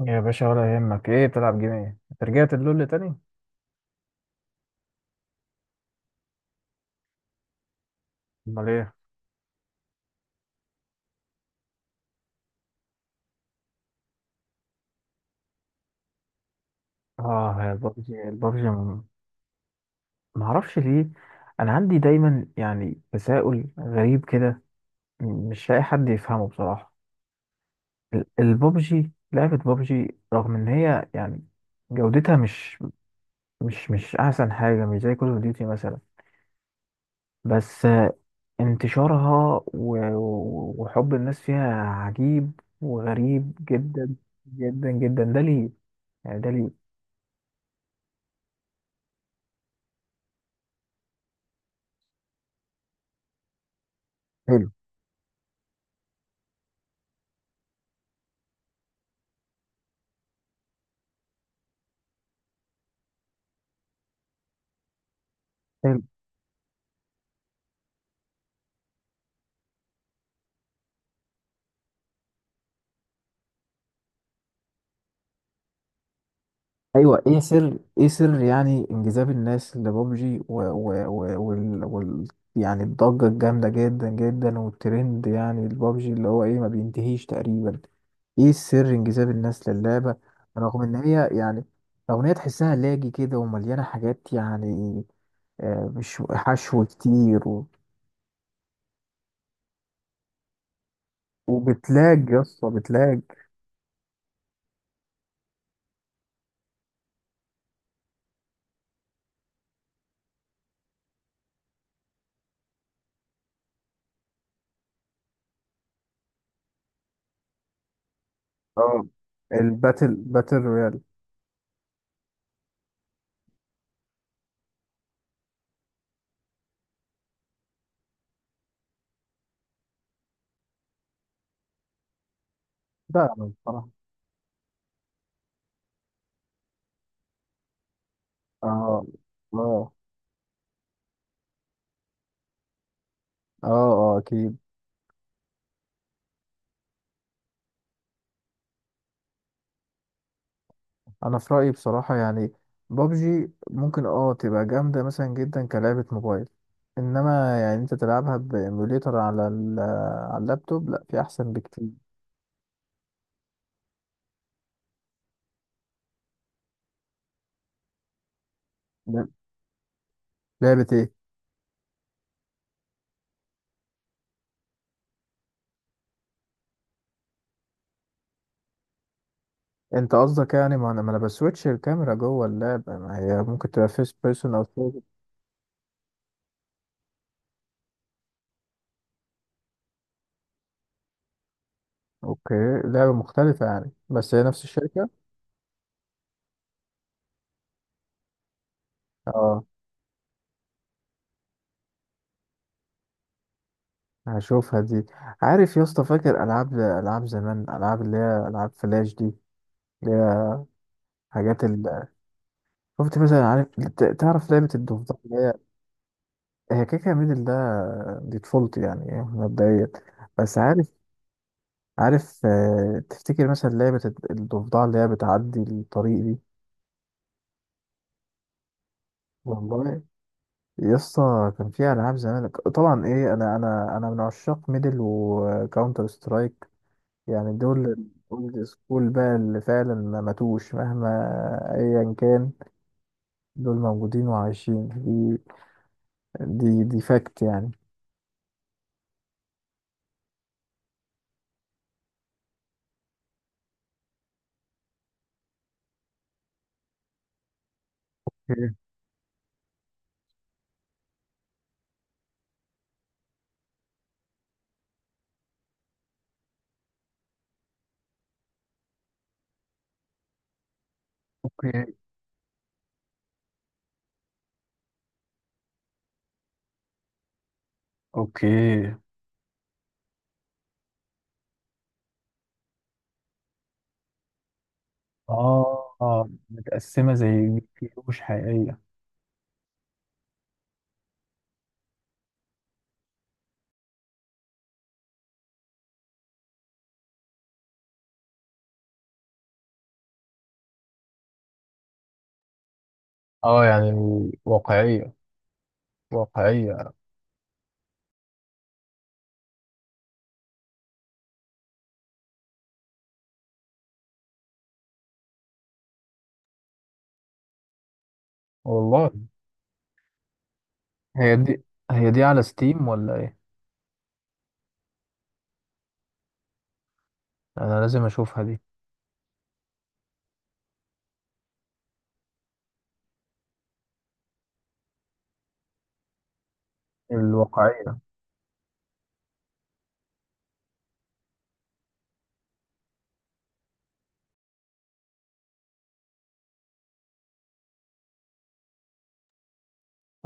يا باشا ولا يهمك. ايه بتلعب جيم؟ ايه انت رجعت اللول تاني؟ امال ايه؟ اه يا البابجي البابجي. ما اعرفش ليه. انا عندي دايما يعني تساؤل غريب كده. مش لاقي حد يفهمه بصراحه. البابجي لعبه بابجي، رغم ان هي يعني جودتها مش مش احسن حاجه، مش زي كول اوف ديوتي مثلا. بس انتشارها وحب الناس فيها عجيب وغريب جدا جدا جدا. ده ليه يعني؟ ده ليه؟ حلو. ايوه، ايه سر ايه سر يعني انجذاب الناس لبابجي و يعني الضجه الجامده جدا جدا والترند، يعني البابجي اللي هو ايه ما بينتهيش تقريبا. ايه سر انجذاب الناس للعبه؟ رغم ان هي يعني، رغم ان هي تحسها لاجي كده ومليانه حاجات، يعني مش حشو كتير وبتلاج يا اسطى، بتلاج. اه، الباتل رويال. لا أنا بصراحه. اه اه اه. اه اكيد. انا في رايي بصراحه يعني بابجي ممكن اه تبقى جامده مثلا جدا كلعبه موبايل، انما يعني انت تلعبها بايميوليتر على على اللابتوب، لا في احسن بكتير. لا. لعبه ايه؟ انت قصدك يعني ما انا بسويتش الكاميرا جوه اللعبه، ما هي ممكن تبقى فيرست بيرسون او third. اوكي. لعبه مختلفه يعني بس هي نفس الشركه. اه. هشوفها دي. عارف يا اسطى، فاكر العاب زمان، العاب اللي هي العاب فلاش دي، اللي هي حاجات. شفت مثلا؟ عارف، تعرف لعبة الضفدع اللي هي، هي كيكة ميدل ده. دي طفولتي، يعني إيه، مبدئيا. بس عارف، عارف آه، تفتكر مثلا لعبة الضفدع اللي هي بتعدي الطريق دي؟ والله يسطا كان فيها ألعاب زمان طبعا إيه. أنا من عشاق ميدل وكاونتر سترايك، يعني دول الأولد سكول بقى، اللي فعلا ما ماتوش مهما أيا كان. دول موجودين وعايشين. دي دي فاكت يعني. اوكي. اوكي آه. آه، متقسمة زي كيلو مش حقيقية. آه، يعني واقعية. واقعية. والله. هي دي، هي دي على ستيم ولا ايه؟ انا لازم اشوفها دي. الواقعية.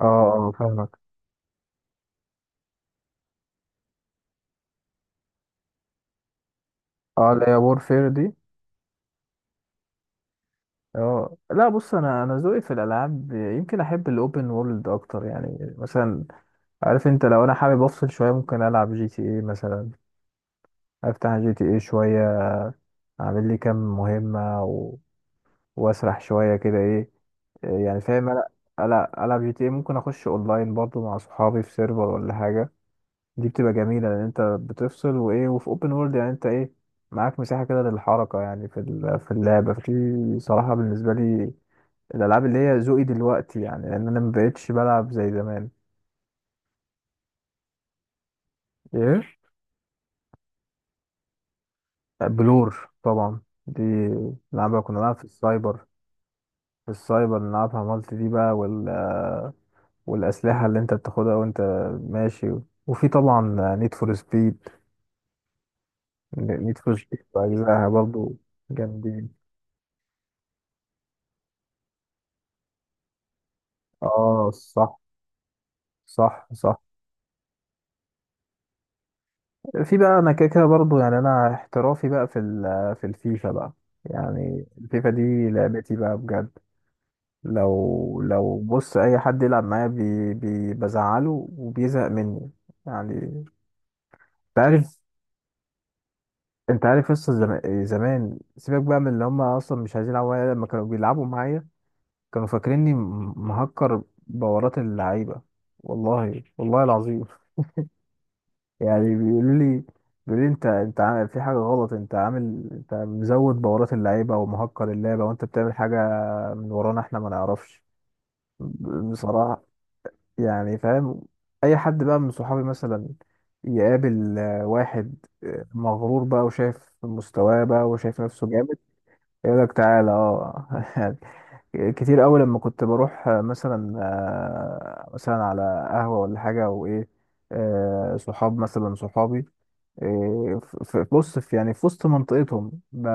اه اه فاهمك. اه اللي هي وورفير دي. اه لا، بص انا ذوقي في الالعاب يمكن احب الاوبن وورلد اكتر، يعني مثلا عارف انت، لو انا حابب افصل شويه ممكن العب جي تي اي مثلا، افتح جي تي اي شويه، اعمل لي كام مهمه، واسرح شويه كده، ايه إيه يعني، فاهم انا. العب جي تي ايه، ممكن اخش اونلاين برضو مع صحابي في سيرفر ولا حاجه. دي بتبقى جميله لان انت بتفصل، وايه، وفي اوبن وورلد يعني انت ايه، معاك مساحه كده للحركه، يعني في في اللعبه. في صراحه بالنسبه لي، الالعاب اللي هي ذوقي دلوقتي يعني، لان انا مبقتش بلعب زي زمان. ايه، بلور طبعا. دي نلعبها، كنا نلعب في السايبر. في السايبر نلعبها مالتي دي بقى، والأسلحة اللي أنت بتاخدها وأنت ماشي. وفي طبعا نيد فور سبيد. نيد فور سبيد بأجزائها برضو جامدين. اه صح، صح صح. في بقى أنا كده كده برضو يعني، أنا احترافي بقى في في الفيفا بقى. يعني الفيفا دي لعبتي بقى بجد. لو بص، أي حد يلعب معايا بي بي بزعله وبيزهق مني يعني. أنت عارف، انت عارف قصة زمان. زمان سيبك بقى من اللي هم اصلا مش عايزين يلعبوا معايا، لما كانوا بيلعبوا معايا كانوا فاكريني مهكر بورات اللعيبة. والله، والله العظيم يعني. بيقولوا لي، بيقولوا لي انت، عامل في حاجة غلط، انت عامل، انت مزود بورات اللعيبة ومهكر اللعبة وانت بتعمل حاجة من ورانا احنا ما نعرفش، بصراحة يعني، فاهم. اي حد بقى من صحابي مثلا يقابل آه، واحد آه، مغرور بقى وشايف مستواه بقى وشايف نفسه جامد، يقول لك تعالى اه يعني. كتير قوي لما كنت بروح آه، مثلا آه، مثلا على قهوة ولا حاجة وايه، آه، صحاب مثلا صحابي إيه، بص في يعني، في وسط منطقتهم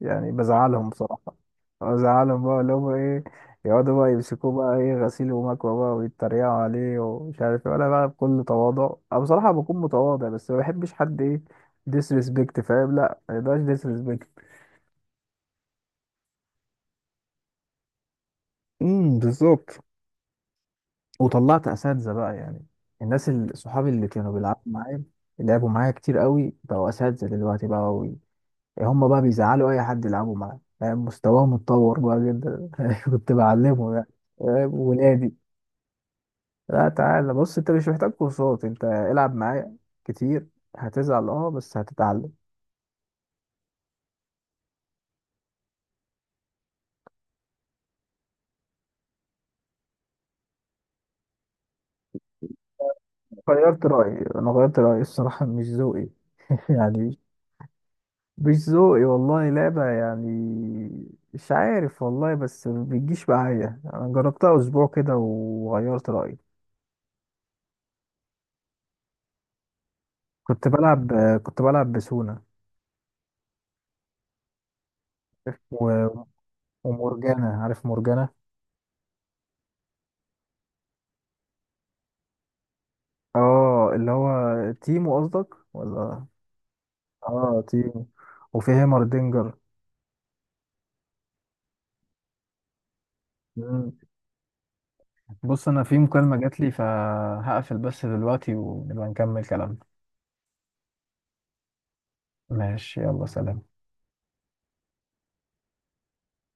يعني بزعلهم بصراحة. بزعلهم بقى، اللي هم ايه يقعدوا بقى يمسكوه بقى ايه غسيل ومكوى بقى ويتريقوا عليه ومش عارف ايه. انا بقى بكل تواضع، انا بصراحة بكون متواضع، بس ما بحبش حد ايه ديسريسبكت، فاهم؟ لا، ما يبقاش ديسريسبكت. امم، بالظبط. وطلعت اساتذه بقى يعني، الناس صحابي اللي كانوا بيلعبوا معايا، اللي لعبوا معايا كتير قوي بقوا اساتذه دلوقتي بقى و... هم بقى بيزعلوا اي حد يلعبوا معاه، فاهم؟ مستواهم اتطور بقى جدا كنت بعلمه يعني، فاهم؟ ولادي. لا، تعالى بص، انت مش محتاج كورسات، انت العب معايا كتير. هتزعل اه، بس هتتعلم. غيرت رايي، انا غيرت رايي الصراحه، مش ذوقي يعني. مش ذوقي والله. لعبة يعني مش عارف والله، بس ما بتجيش معايا. انا جربتها اسبوع كده وغيرت رأيي. كنت بلعب كنت بلعب بسونا، و- ومورجانا، عارف مورجانا. اه، اللي هو تيمو قصدك ولا؟ اه تيمو، وفي هيمردينجر. مم. بص انا في مكالمة جات لي، فهقفل بس دلوقتي ونبقى نكمل كلامنا. ماشي، يلا سلام.